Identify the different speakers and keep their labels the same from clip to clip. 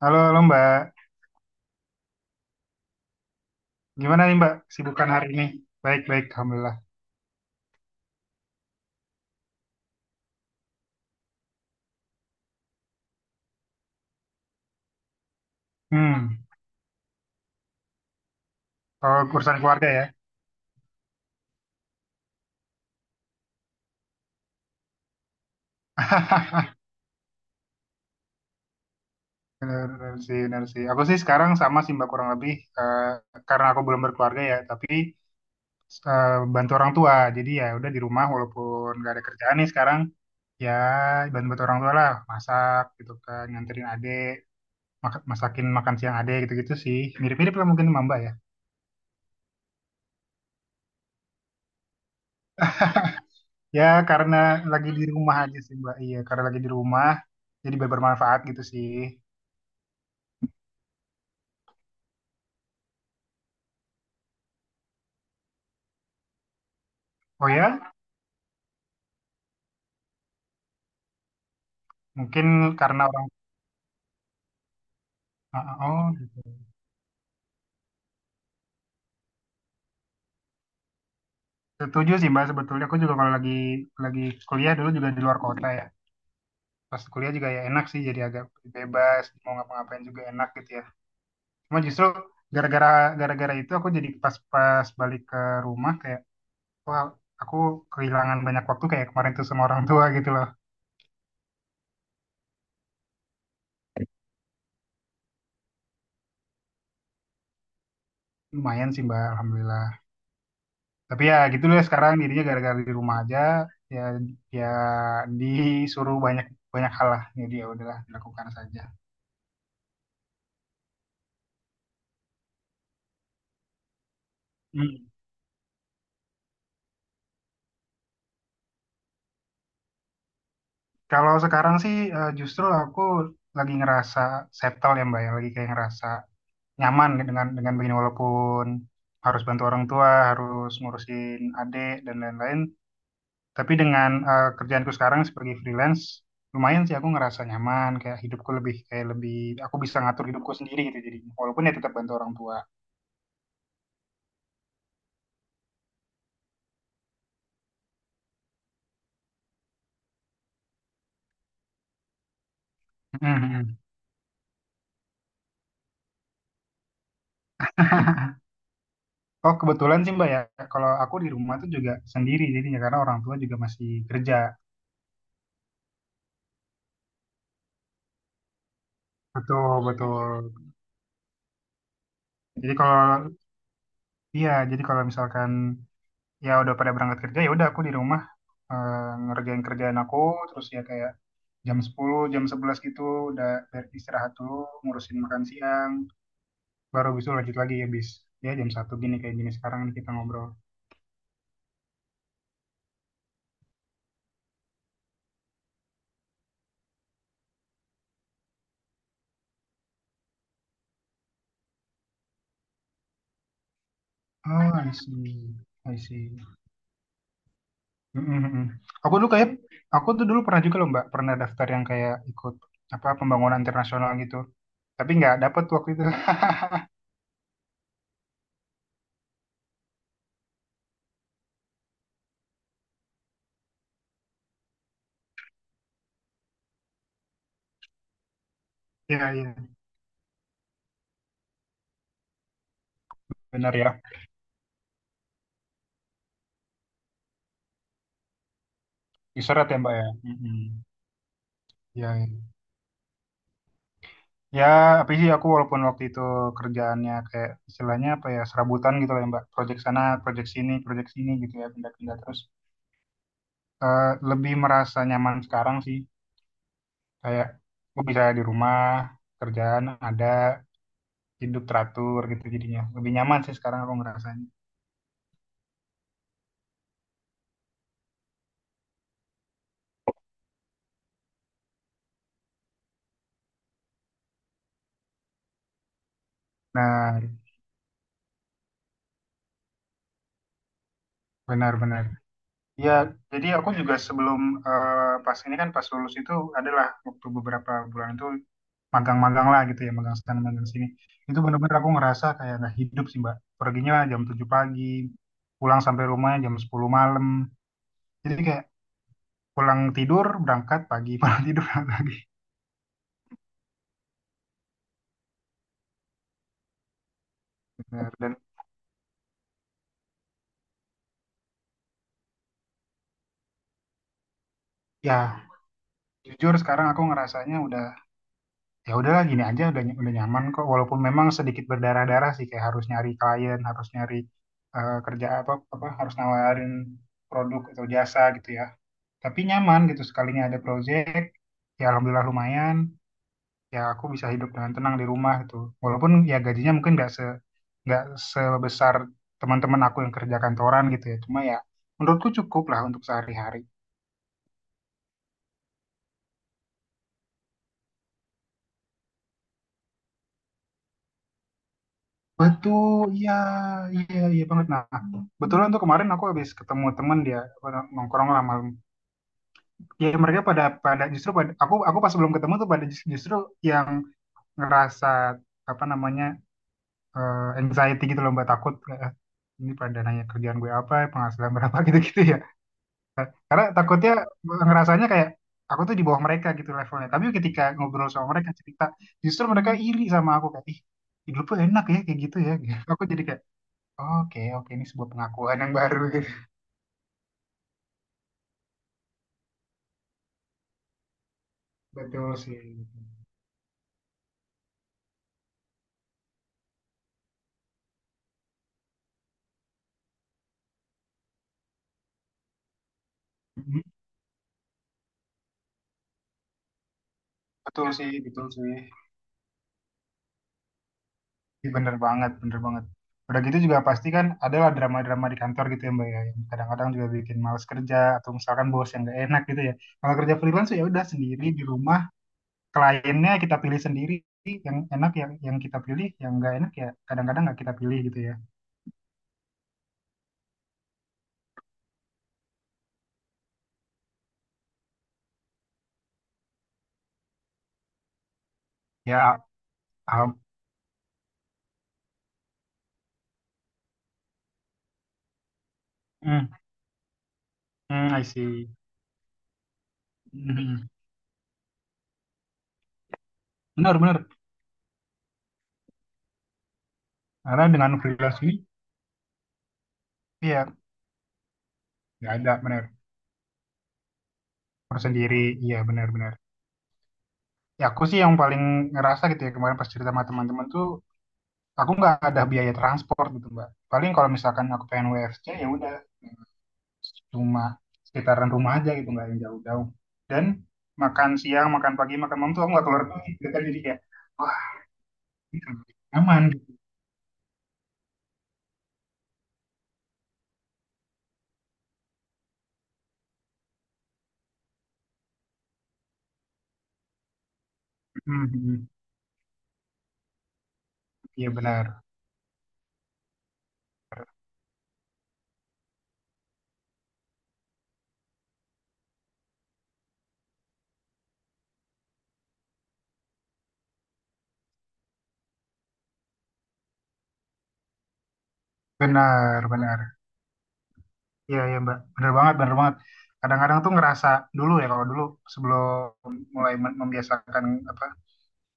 Speaker 1: Halo, halo Mbak. Gimana nih Mbak sibukan hari ini? Baik-baik, Alhamdulillah. Hmm, kalau urusan keluarga ya. Benar, benar sih, benar sih. Aku sih sekarang sama sih Mbak kurang lebih. eh, karena aku belum berkeluarga ya, tapi eh, bantu orang tua. Jadi ya udah di rumah walaupun gak ada kerjaan nih sekarang. Ya bantu-bantu orang tua lah. Masak gitu kan, nganterin adek. Masakin makan siang adek gitu-gitu sih. Mirip-mirip lah mungkin sama Mbak ya. Ya karena lagi di rumah aja sih Mbak. Iya, karena lagi di rumah. Jadi bermanfaat gitu sih. Oh ya, mungkin karena orang oh gitu. Setuju sih Mbak, sebetulnya aku juga kalau lagi lagi kuliah dulu juga di luar kota ya. Pas kuliah juga ya enak sih, jadi agak bebas mau ngapa-ngapain juga enak gitu ya. Cuma justru gara-gara gara-gara itu aku jadi pas-pas balik ke rumah kayak wah aku kehilangan banyak waktu kayak kemarin tuh sama orang tua gitu loh. Lumayan sih Mbak, alhamdulillah. Tapi ya gitu deh sekarang dirinya gara-gara di rumah aja, ya ya disuruh banyak banyak hal lah, jadi ya udahlah dilakukan saja. Hmm. Kalau sekarang sih, justru aku lagi ngerasa settle ya Mbak, ya. Lagi kayak ngerasa nyaman dengan begini walaupun harus bantu orang tua, harus ngurusin adik dan lain-lain. Tapi dengan kerjaanku sekarang sebagai freelance, lumayan sih aku ngerasa nyaman, kayak hidupku lebih, kayak lebih aku bisa ngatur hidupku sendiri gitu. Jadi walaupun ya tetap bantu orang tua. Mhm. Oh kebetulan sih Mbak ya, kalau aku di rumah tuh juga sendiri jadinya karena orang tua juga masih kerja. Betul, betul. Jadi kalau iya, jadi kalau misalkan ya udah pada berangkat kerja, ya udah aku di rumah eh, ngerjain kerjaan aku, terus ya kayak jam 10, jam 11 gitu udah istirahat dulu, ngurusin makan siang, baru besok lanjut lagi ya bis. Ya jam satu gini kayak gini sekarang nih kita ngobrol. Oh, I see. I see. Mm-mm-mm. Aku dulu kayak aku tuh dulu pernah juga loh Mbak, pernah daftar yang kayak ikut apa pembangunan internasional gitu. Tapi nggak dapet waktu itu. Iya, iya. Benar ya. Diseret ya Mbak ya. Mm-mm. Ya, ya apa sih aku walaupun waktu itu kerjaannya kayak istilahnya apa ya serabutan gitu lah ya Mbak. Project sana, project sini gitu ya pindah-pindah terus. Lebih merasa nyaman sekarang sih. Kayak gue bisa di rumah, kerjaan ada, hidup teratur gitu jadinya. Lebih nyaman sih sekarang aku ngerasanya. Nah, benar-benar. Ya, jadi aku juga sebelum pas ini kan pas lulus itu adalah waktu beberapa bulan itu magang-magang lah gitu ya, magang sana, magang sini. Itu bener-bener aku ngerasa kayak nggak hidup sih, Mbak. Perginya jam 7 pagi, pulang sampai rumah jam 10 malam. Jadi kayak pulang tidur, berangkat pagi, pulang tidur, berangkat pagi. Bener. Dan ya jujur sekarang aku ngerasanya udah, ya udahlah gini aja udah udah nyaman kok, walaupun memang sedikit berdarah-darah sih kayak harus nyari klien, harus nyari kerja apa, apa harus nawarin produk atau jasa gitu ya. Tapi nyaman gitu, sekalinya ada project ya alhamdulillah lumayan, ya aku bisa hidup dengan tenang di rumah gitu, walaupun ya gajinya mungkin nggak nggak sebesar teman-teman aku yang kerja kantoran gitu ya, cuma ya menurutku cukup lah untuk sehari-hari. Betul, iya iya iya banget. Nah, betulan tuh kemarin aku habis ketemu temen, dia apa, nongkrong lah malam, ya mereka pada pada justru pada, aku pas belum ketemu tuh pada justru yang ngerasa apa namanya anxiety gitu loh mbak, takut ini pada nanya kerjaan gue apa, penghasilan berapa gitu-gitu ya. Karena takutnya ngerasanya kayak aku tuh di bawah mereka gitu levelnya. Tapi ketika ngobrol sama mereka cerita, justru mereka iri sama aku kayak, ih, hidup lu enak ya kayak gitu ya. Aku jadi kayak, oke oke ini sebuah pengakuan yang baru gitu. Betul sih. Mhm. Betul sih, betul sih. Ih, bener banget, bener banget. Udah gitu juga pasti kan adalah drama-drama di kantor gitu ya Mbak ya. Yang kadang-kadang juga bikin males kerja atau misalkan bos yang gak enak gitu ya. Kalau kerja freelance ya udah sendiri di rumah, kliennya kita pilih sendiri, yang enak yang kita pilih, yang nggak enak ya kadang-kadang nggak kita pilih gitu ya. Ya ah, hmm, hmm, I see. Hmm, benar benar, karena dengan freelance ini, iya nggak ada benar, harus sendiri. Iya, benar benar, ya aku sih yang paling ngerasa gitu ya, kemarin pas cerita sama teman-teman tuh aku nggak ada biaya transport gitu mbak, paling kalau misalkan aku pengen WFC ya udah cuma sekitaran rumah aja gitu, nggak yang jauh-jauh, dan makan siang, makan pagi, makan malam tuh aku nggak keluar rumah gitu kan, jadi kayak wah ini kan nyaman gitu. Hmm, hmm. Hmm. Iya benar benar benar. Iya iya mbak, benar banget, benar banget. Kadang-kadang tuh ngerasa dulu, ya kalau dulu sebelum mulai membiasakan apa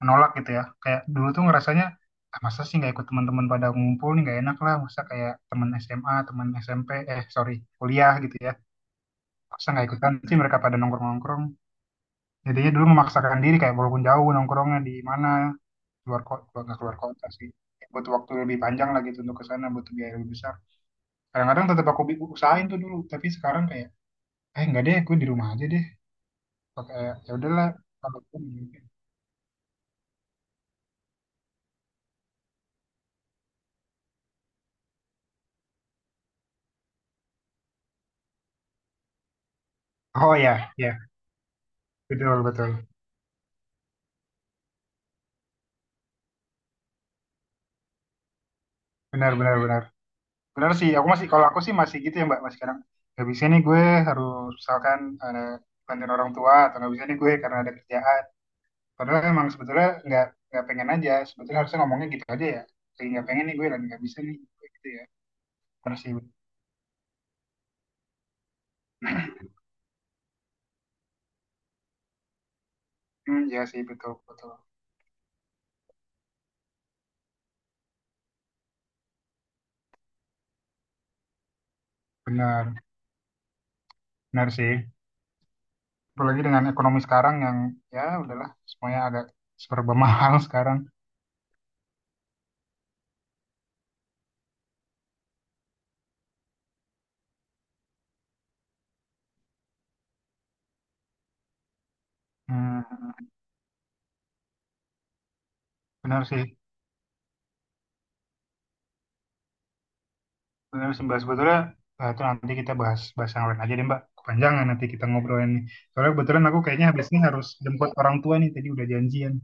Speaker 1: menolak gitu ya, kayak dulu tuh ngerasanya ah, masa sih nggak ikut teman-teman pada ngumpul nih nggak enak lah, masa kayak teman SMA, teman SMP eh sorry kuliah gitu ya, masa nggak ikutan sih mereka pada nongkrong-nongkrong. Jadinya dulu memaksakan diri kayak walaupun jauh nongkrongnya di mana, keluar kota nggak keluar kota sih, butuh waktu lebih panjang lagi gitu untuk ke sana, butuh biaya lebih besar kadang-kadang, tetap aku usahain tuh dulu. Tapi sekarang kayak eh nggak deh gue di rumah aja deh pakai ya udahlah kalau aku mungkin. Oh ya, ya, betul betul. Benar benar benar. Benar sih, aku masih, kalau aku sih masih gitu ya mbak, masih kadang nggak bisa nih gue, harus misalkan ada bantuin orang tua, atau nggak bisa nih gue karena ada kerjaan. Padahal emang sebetulnya nggak pengen aja. Sebetulnya harusnya ngomongnya gitu aja ya. Kayak nggak pengen nih gue dan nggak bisa nih gue gitu ya. Terus sih, hmm, ya sih betul betul. Benar, benar sih. Apalagi dengan ekonomi sekarang yang ya udahlah semuanya agak serba mahal sekarang. Hmm, benar sih, benar sih Mbak. Sebetulnya itu nanti kita bahas bahas yang lain aja deh Mbak. Kepanjangan nanti kita ngobrolin nih. Soalnya kebetulan aku kayaknya habis ini harus jemput orang tua nih. Tadi udah janjian.